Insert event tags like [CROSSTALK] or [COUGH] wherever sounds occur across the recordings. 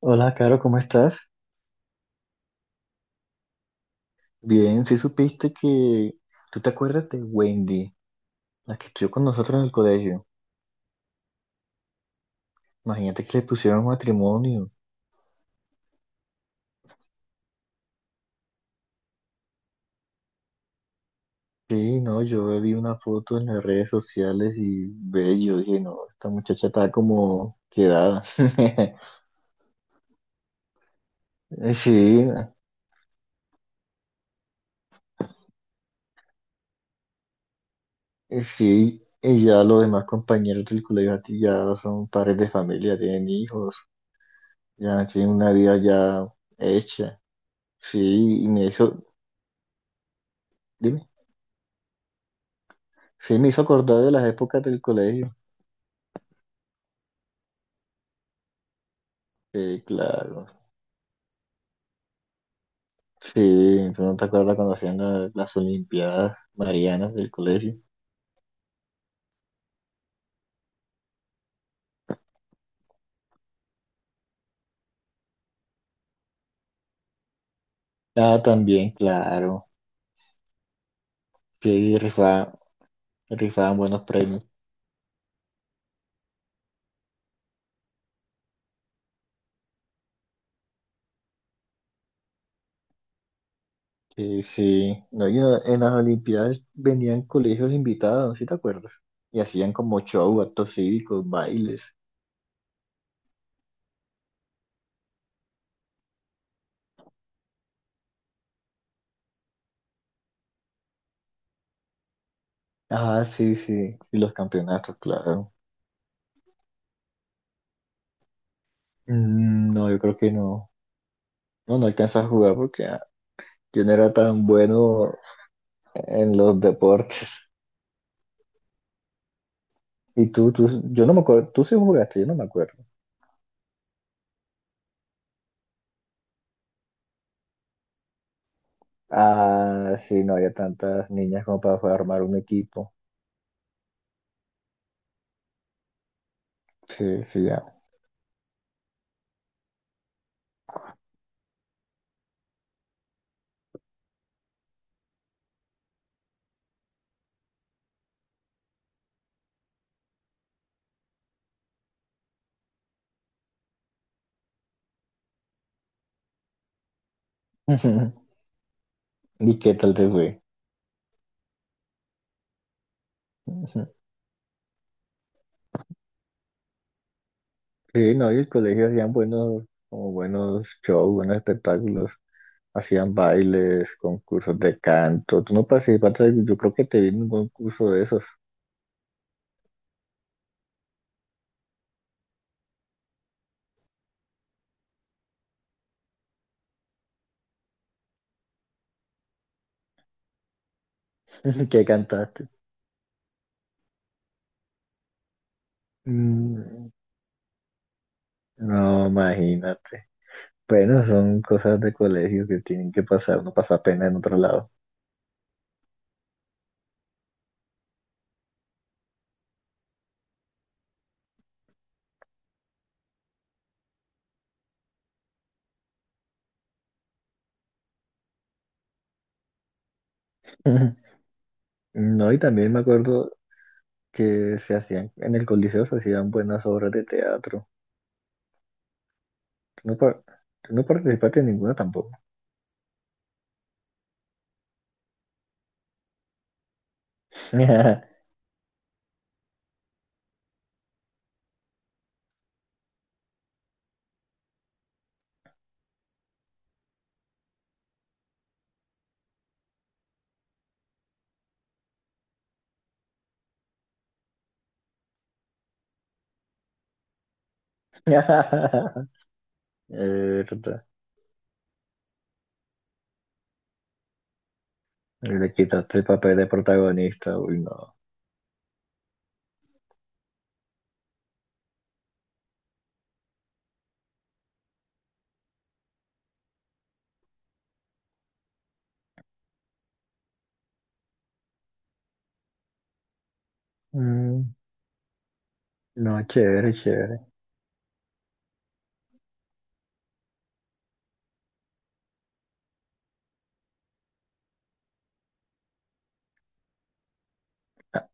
Hola, Caro, ¿cómo estás? Bien, sí supiste que... ¿Tú te acuerdas de Wendy, la que estudió con nosotros en el colegio? Imagínate que le pusieron matrimonio. Sí, no, yo vi una foto en las redes sociales y ve, yo dije, no, esta muchacha está como quedada. [LAUGHS] Eh, Sí, sí, y ya los demás compañeros del colegio a ti ya son padres de familia, tienen hijos, ya tienen una vida ya hecha. Sí, y me hizo... Dime. Sí, me hizo acordar de las épocas del colegio. Sí, claro. Sí, tú no te acuerdas cuando hacían las Olimpiadas Marianas del colegio. Ah, también, claro. Sí, rifaban, rifaban buenos premios. Sí, sí. No, y en en las Olimpiadas venían colegios invitados, ¿sí te acuerdas? Y hacían como show, actos cívicos, bailes. Ah, sí, sí. Y los campeonatos, claro. Mm, no, yo creo que no. No, no alcanzas a jugar porque yo no era tan bueno en los deportes. Y yo no me acuerdo, tú sí jugaste, yo no me acuerdo. Ah, sí, no había tantas niñas como para poder armar un equipo. Sí, sí, ya. [LAUGHS] ¿Y qué tal te fue? Ujú. Sí, no, y el colegio hacían buenos, como buenos shows, buenos espectáculos. Hacían bailes, concursos de canto. Tú no participaste, yo creo que te vi en un concurso de esos. [LAUGHS] ¿Qué cantaste? Mm, No, imagínate. Bueno, son cosas de colegio que tienen que pasar, no pasa pena en otro lado. [LAUGHS] No, y también me acuerdo que se hacían, en el Coliseo se hacían buenas obras de teatro. Tú no, tú no participaste en ninguna tampoco. [LAUGHS] Eh, tota, le quitaste el papel de protagonista, uy, no. Mm, no, chévere, chévere. Ah,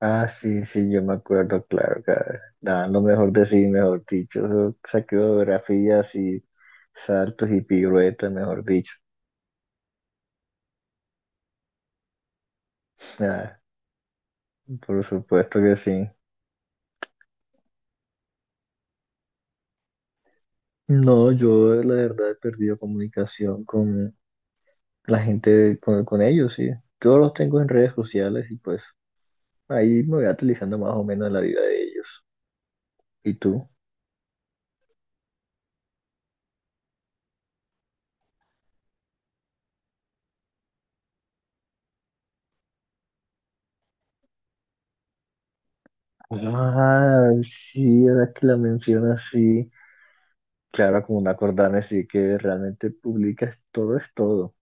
ah, sí, sí, yo me acuerdo, claro, que daban lo mejor de sí, mejor dicho. Eso, esa coreografías y saltos y piruetas, mejor dicho. Ah, por supuesto que sí. No, yo la verdad he perdido comunicación con la gente, con ellos, sí. Yo los tengo en redes sociales y pues ahí me voy actualizando más o menos en la vida de ellos. ¿Y tú? Ah, sí, ahora que la mencionas, sí. Claro, como una cordana, sí que realmente publicas todo es todo.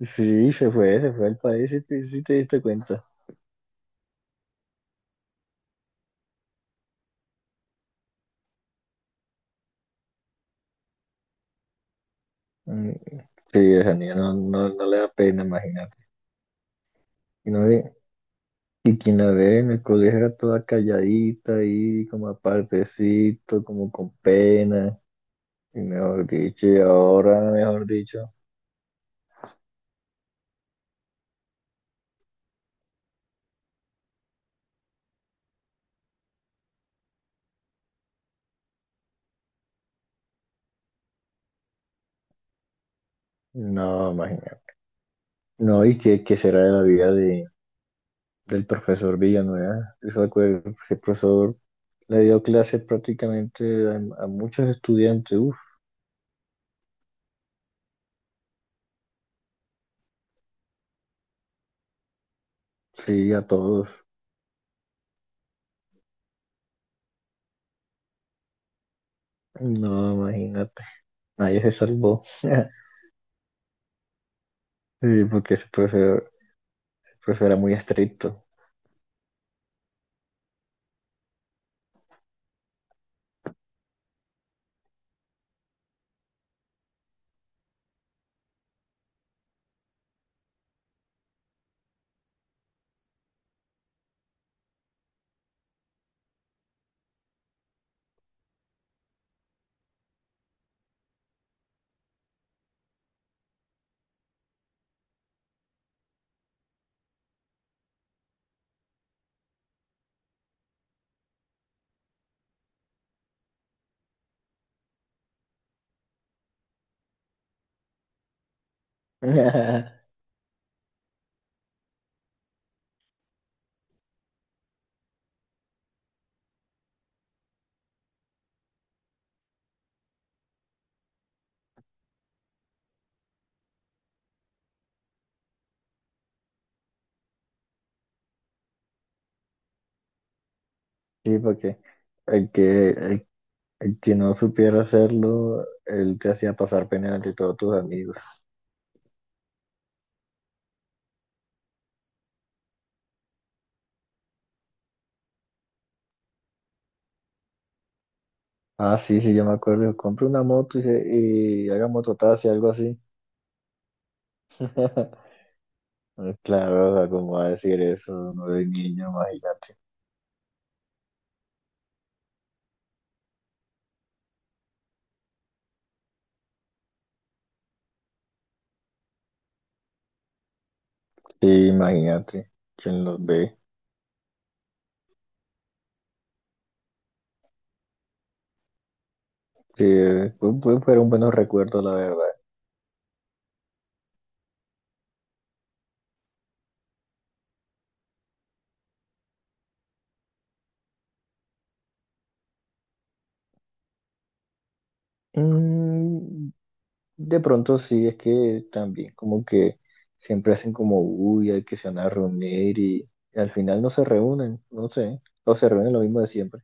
Sí, se fue al país y te, sí te diste cuenta. Mm, sí, esa niña no, no, no le da pena imaginar. Y no, y quien la ve en el colegio era toda calladita ahí, como apartecito, como con pena, y mejor dicho, y ahora, mejor dicho, no, imagínate. No, y qué, qué será de la vida de, del profesor Villanueva. Eso ese profesor le dio clases prácticamente a muchos estudiantes, uff, sí, a todos. No, imagínate, nadie se salvó. [LAUGHS] Sí, porque ese profesor, el profesor era muy estricto. [LAUGHS] Sí, porque el que, el que no supiera hacerlo, él te hacía pasar pena ante todos tus amigos. Ah, sí, sí, yo me acuerdo. Compré una moto y, y haga mototaxi, algo así. [LAUGHS] Claro, o sea, ¿cómo va a decir eso? No de niño, imagínate. Sí, imagínate. ¿Quién los ve? Sí, fueron buenos recuerdos, la verdad. Mm, de pronto sí, es que también como que siempre hacen como uy, hay que se van a reunir y al final no se reúnen, no sé. O se reúnen lo mismo de siempre.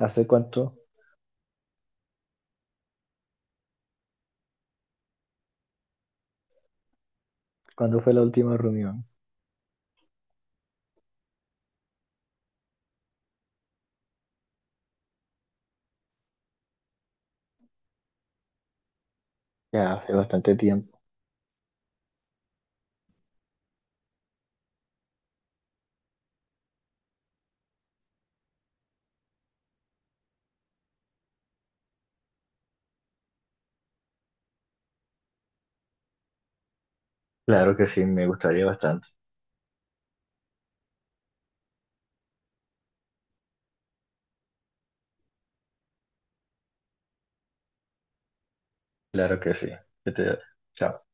¿Hace cuánto? ¿Cuándo fue la última reunión? Ya, hace bastante tiempo. Claro que sí, me gustaría bastante. Claro que sí. Que te- Chao.